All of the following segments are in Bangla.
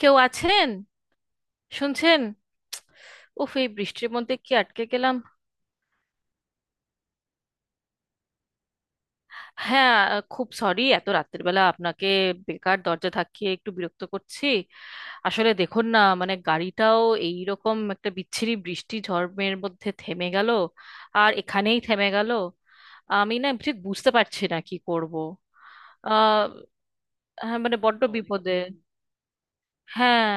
কেউ আছেন? শুনছেন? উফ, এই বৃষ্টির মধ্যে কি আটকে গেলাম। হ্যাঁ, খুব সরি এত রাত্রের বেলা আপনাকে বেকার দরজা থাকিয়ে একটু বিরক্ত করছি। আসলে দেখুন না, গাড়িটাও এই রকম একটা বিচ্ছিরি বৃষ্টি ঝড়ের মধ্যে থেমে গেল। আর এখানেই থেমে গেল। আমি না ঠিক বুঝতে পারছি না কি করব। আহ হ্যাঁ, বড্ড স্বাভাবিক বিপদে। হ্যাঁ।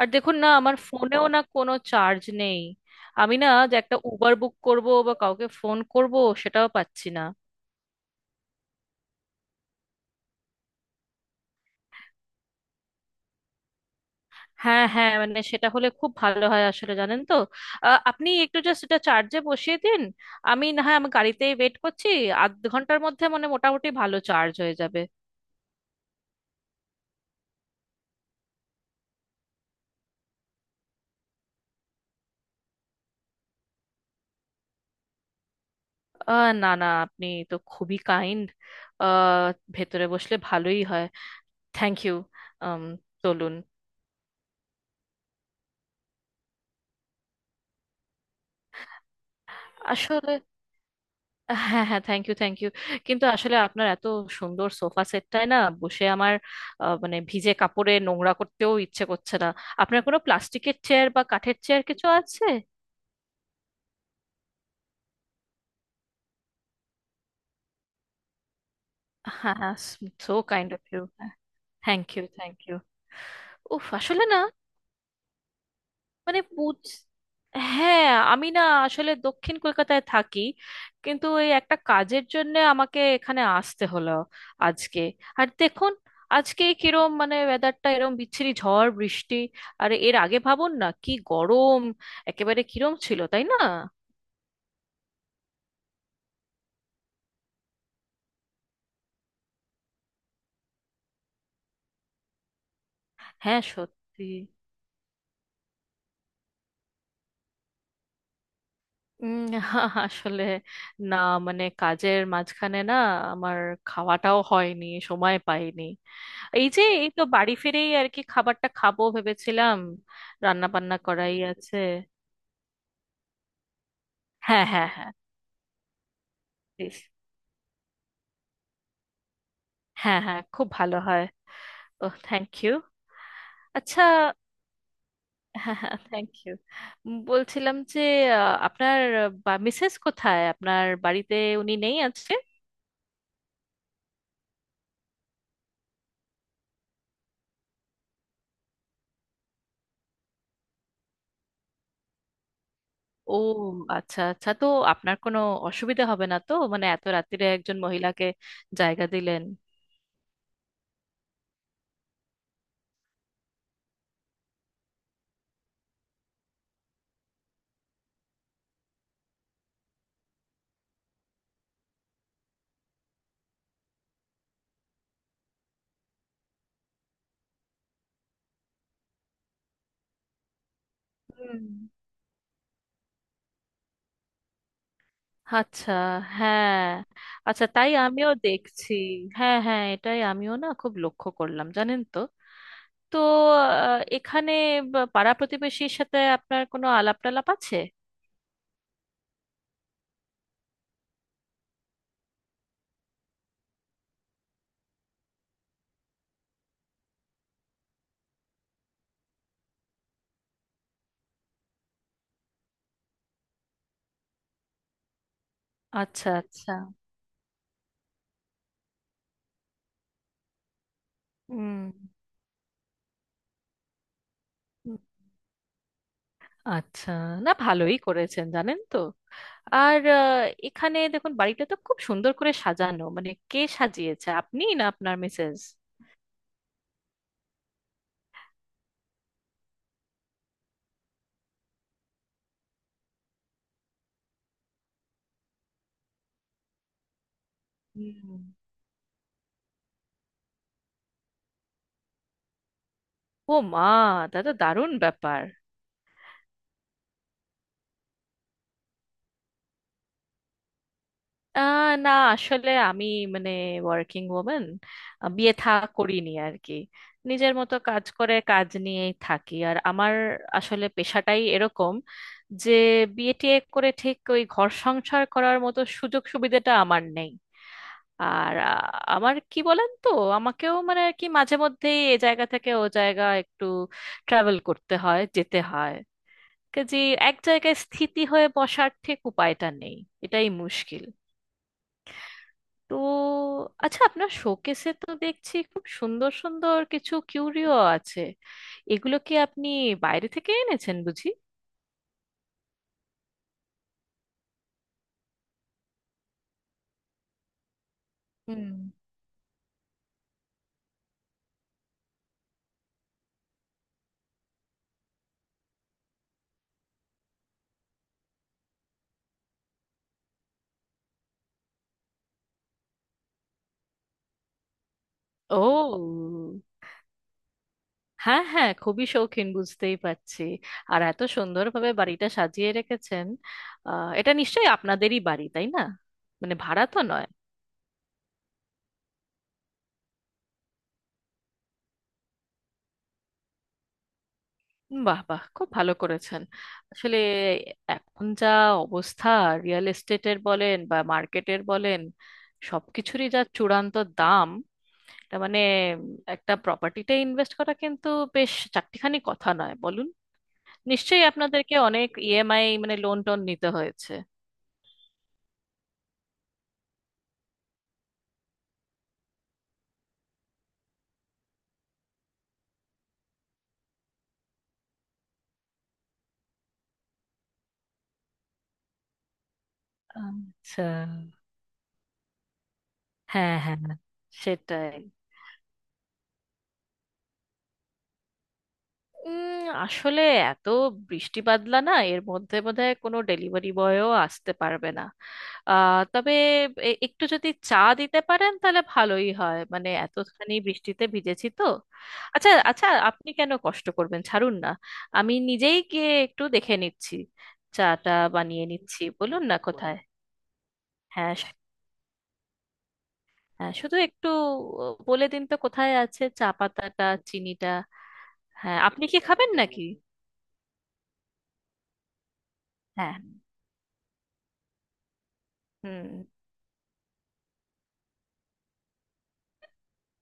আর দেখুন না, আমার ফোনেও না কোনো চার্জ নেই। আমি না যে একটা উবার বুক করব বা কাউকে ফোন করব, সেটাও পাচ্ছি না। হ্যাঁ হ্যাঁ, সেটা হলে খুব ভালো হয়। আসলে জানেন তো, আপনি একটু জাস্ট এটা চার্জে বসিয়ে দিন। আমি না হয় গাড়িতেই ওয়েট করছি। আধ ঘন্টার মধ্যে মোটামুটি ভালো চার্জ হয়ে যাবে। না না, আপনি তো খুবই কাইন্ড। ভেতরে বসলে ভালোই হয়। Thank you. চলুন। আসলে হ্যাঁ হ্যাঁ, থ্যাংক ইউ থ্যাংক ইউ। কিন্তু আসলে আপনার এত সুন্দর সোফা সেটটায় না বসে আমার ভিজে কাপড়ে নোংরা করতেও ইচ্ছে করছে না। আপনার কোনো প্লাস্টিকের চেয়ার বা কাঠের চেয়ার কিছু আছে? হ্যাঁ হ্যাঁ। So kind of you. Thank you thank you. উফ, আসলে না মানে বুঝ হ্যাঁ। আমি না আসলে দক্ষিণ কলকাতায় থাকি, কিন্তু এই একটা কাজের জন্য আমাকে এখানে আসতে হলো আজকে। আর দেখুন, আজকে কিরম ওয়েদারটা এরম বিচ্ছিরি ঝড় বৃষ্টি। আর এর আগে ভাবুন না কি গরম, একেবারে কিরম ছিল তাই না। হ্যাঁ, সত্যি। উম, আসলে না, কাজের মাঝখানে আমার খাওয়াটাও হয়নি, সময় পাইনি। এই যে, এই তো বাড়ি ফিরেই আর কি খাবারটা খাবো ভেবেছিলাম, রান্না বান্না করাই আছে। হ্যাঁ হ্যাঁ হ্যাঁ, প্লিজ। হ্যাঁ হ্যাঁ, খুব ভালো হয়। ও, থ্যাংক ইউ। আচ্ছা। হ্যাঁ হ্যাঁ, থ্যাংক ইউ। বলছিলাম যে, আপনার মিসেস কোথায়? আপনার বাড়িতে উনি নেই আছে? ও আচ্ছা আচ্ছা। তো আপনার কোনো অসুবিধা হবে না তো? মানে এত রাত্তিরে একজন মহিলাকে জায়গা দিলেন। হুম। আচ্ছা। হ্যাঁ। আচ্ছা, তাই? আমিও দেখছি। হ্যাঁ হ্যাঁ, এটাই আমিও না খুব লক্ষ্য করলাম, জানেন তো। তো এখানে পাড়া প্রতিবেশীর সাথে আপনার কোনো আলাপ টালাপ আছে? আচ্ছা আচ্ছা। হুম হুম। আচ্ছা। না, ভালোই করেছেন, জানেন তো। আর এখানে দেখুন বাড়িটা তো খুব সুন্দর করে সাজানো, কে সাজিয়েছে? আপনি না আপনার মিসেস? হুম। ও মা, দাদা, দারুণ ব্যাপার। না, আসলে আমি, মানে, ওয়ার্কিং ওমেন। বিয়ে থা করিনি আর কি। নিজের মতো কাজ করে কাজ নিয়েই থাকি। আর আমার আসলে পেশাটাই এরকম, যে বিয়ে টিয়ে করে ঠিক ওই ঘর সংসার করার মতো সুযোগ সুবিধাটা আমার নেই। আর আমার কি বলেন তো, আমাকেও মানে আর কি মাঝে মধ্যেই এ জায়গা থেকে ও জায়গা একটু ট্রাভেল করতে হয়, যেতে হয় কাজে। এক জায়গায় স্থিতি হয়ে বসার ঠিক উপায়টা নেই, এটাই মুশকিল। তো আচ্ছা, আপনার শোকেসে তো দেখছি খুব সুন্দর সুন্দর কিছু কিউরিও আছে। এগুলো কি আপনি বাইরে থেকে এনেছেন বুঝি? হুম। ও হ্যাঁ হ্যাঁ, খুবই শৌখিন, বুঝতেই পারছি। আর এত সুন্দরভাবে বাড়িটা সাজিয়ে রেখেছেন। এটা নিশ্চয়ই আপনাদেরই বাড়ি, তাই না? মানে ভাড়া তো নয়। বাহ বাহ, খুব ভালো করেছেন। আসলে এখন যা অবস্থা, রিয়েল এস্টেটের বলেন বা মার্কেটের বলেন, সবকিছুরই যা চূড়ান্ত দাম। তার মানে একটা প্রপার্টিতে ইনভেস্ট করা কিন্তু বেশ চারটিখানি কথা নয়, বলুন। নিশ্চয়ই আপনাদেরকে অনেক ইএমআই, মানে লোন টোন নিতে হয়েছে। আচ্ছা। হ্যাঁ হ্যাঁ, সেটাই। উম, আসলে এত বৃষ্টি বাদলা না, এর মধ্যে বোধহয় কোনো ডেলিভারি বয়ও আসতে পারবে না। তবে একটু যদি চা দিতে পারেন তাহলে ভালোই হয়, মানে এতখানি বৃষ্টিতে ভিজেছি তো। আচ্ছা আচ্ছা, আপনি কেন কষ্ট করবেন, ছাড়ুন না, আমি নিজেই গিয়ে একটু দেখে নিচ্ছি, চাটা বানিয়ে নিচ্ছি। বলুন না কোথায়। হ্যাঁ হ্যাঁ, শুধু একটু বলে দিন তো কোথায় আছে চা পাতাটা, চিনিটা। হ্যাঁ, আপনি কি খাবেন নাকি? হ্যাঁ। হুম।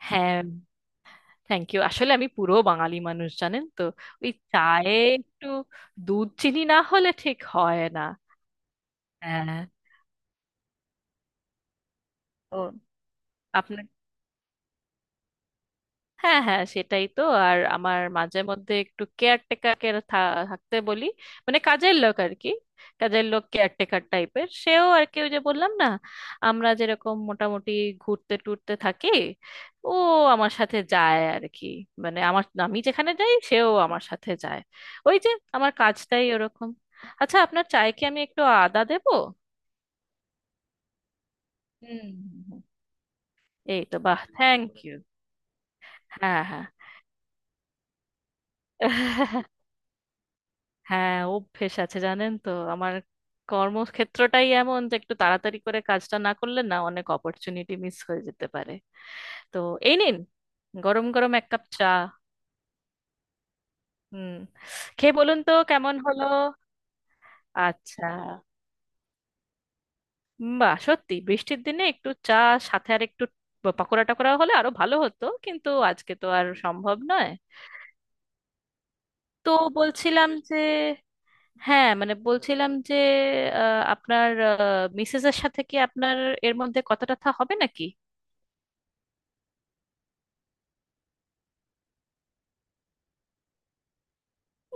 হ্যাঁ, থ্যাংক ইউ। আসলে আমি পুরো বাঙালি মানুষ, জানেন তো, ওই চায়ে একটু দুধ চিনি না হলে ঠিক হয় না। হ্যাঁ। ও, আপনার হ্যাঁ হ্যাঁ, সেটাই তো। আর আমার মাঝে মধ্যে একটু কেয়ারটেকারকে থাকতে বলি, মানে কাজের লোক আর কি, কাজের লোক কেয়ারটেকার টাইপের। সেও আর কি, ওই যে বললাম না, আমরা যেরকম মোটামুটি ঘুরতে টুরতে থাকি, ও আমার সাথে যায় আর কি। মানে আমি যেখানে যাই সেও আমার সাথে যায়। ওই যে, আমার কাজটাই ওরকম। আচ্ছা, আপনার চায়ে কি আমি একটু আদা দেবো? হুম হুম, হুম। এই তো, বাহ, থ্যাংক ইউ। হ্যাঁ হ্যাঁ। হ্যাঁ, অভ্যেস আছে জানেন তো আমার, কর্মক্ষেত্রটাই এমন যে একটু তাড়াতাড়ি করে কাজটা না করলে না অনেক অপরচুনিটি মিস হয়ে যেতে পারে। তো এই নিন, গরম গরম এক কাপ চা। হুম। খেয়ে বলুন তো কেমন হলো। আচ্ছা। বাহ, সত্যি বৃষ্টির দিনে একটু চা, সাথে আর একটু পাকোড়া টাকোড়া হলে আরো ভালো হতো, কিন্তু আজকে তো আর সম্ভব নয়। তো বলছিলাম যে, হ্যাঁ, মানে বলছিলাম যে আপনার মিসেস এর সাথে কি আপনার এর মধ্যে কথা টথা হবে নাকি?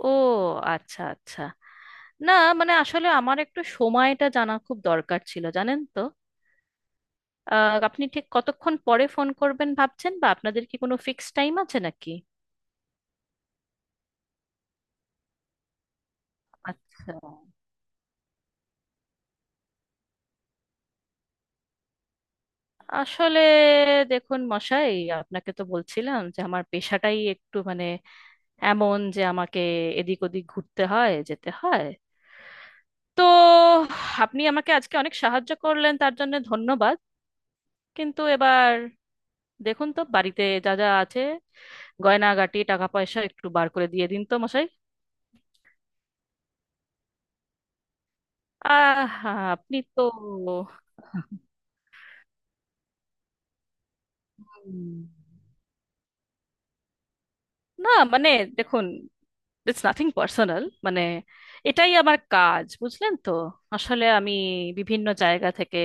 ও আচ্ছা আচ্ছা। না, আসলে আমার একটু সময়টা জানা খুব দরকার ছিল, জানেন তো। আপনি ঠিক কতক্ষণ পরে ফোন করবেন ভাবছেন? বা আপনাদের কি কোনো ফিক্স টাইম আছে নাকি? আচ্ছা। আসলে দেখুন মশাই, আপনাকে তো বলছিলাম যে আমার পেশাটাই একটু এমন যে আমাকে এদিক ওদিক ঘুরতে হয়, যেতে হয়। তো আপনি আমাকে আজকে অনেক সাহায্য করলেন, তার জন্য ধন্যবাদ। কিন্তু এবার দেখুন তো, বাড়িতে যা যা আছে গয়নাগাটি টাকা পয়সা একটু বার করে দিয়ে দিন তো মশাই। আহ, আপনি তো। হুম। না দেখুন, ইটস নাথিং পার্সোনাল, মানে এটাই আমার কাজ বুঝলেন তো। আসলে আমি বিভিন্ন জায়গা থেকে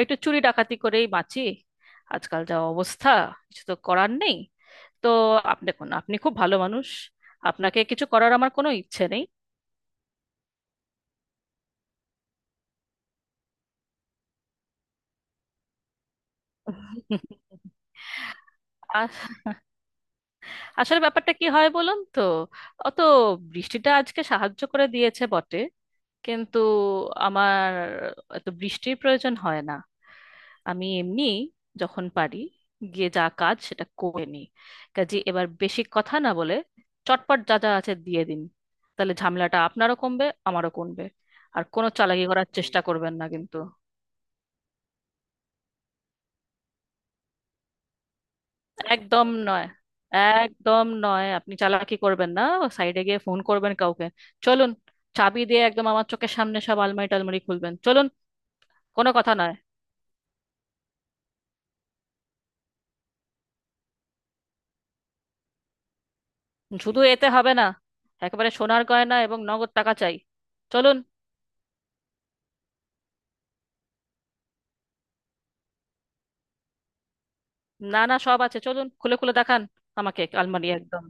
একটু চুরি ডাকাতি করেই বাঁচি। আজকাল যা অবস্থা, কিছু তো করার নেই। তো দেখুন, আপনি খুব ভালো মানুষ, আপনাকে কিছু করার আমার কোনো ইচ্ছে নেই। আস- আসলে ব্যাপারটা কি হয় বলুন তো, অত বৃষ্টিটা আজকে সাহায্য করে দিয়েছে বটে, কিন্তু আমার এত বৃষ্টির প্রয়োজন হয় না। আমি এমনি যখন পারি গিয়ে যা কাজ সেটা করে নিই। কাজে, এবার বেশি কথা না বলে চটপট যা যা আছে দিয়ে দিন, তাহলে ঝামেলাটা আপনারও কমবে আমারও কমবে। আর কোনো চালাকি করার চেষ্টা করবেন না কিন্তু। একদম নয়, একদম নয়, আপনি চালাকি করবেন না, সাইডে গিয়ে ফোন করবেন কাউকে। চলুন, চাবি দিয়ে একদম আমার চোখের সামনে সব আলমারি টালমারি খুলবেন, চলুন, কোনো কথা নয়। শুধু এতে হবে না, একেবারে সোনার গয়না এবং নগদ টাকা চাই, চলুন। না না, সব আছে, চলুন খুলে খুলে দেখান আমাকে আলমারি একদম।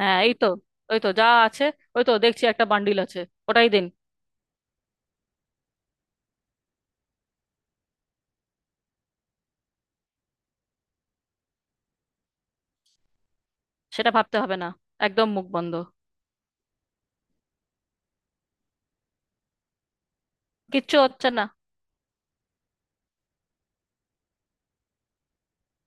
হ্যাঁ এই তো, ওই তো যা আছে, ওই তো দেখছি একটা বান্ডিল আছে, ওটাই দিন। সেটা ভাবতে হবে না, একদম মুখ বন্ধ। কিচ্ছু হচ্ছে না।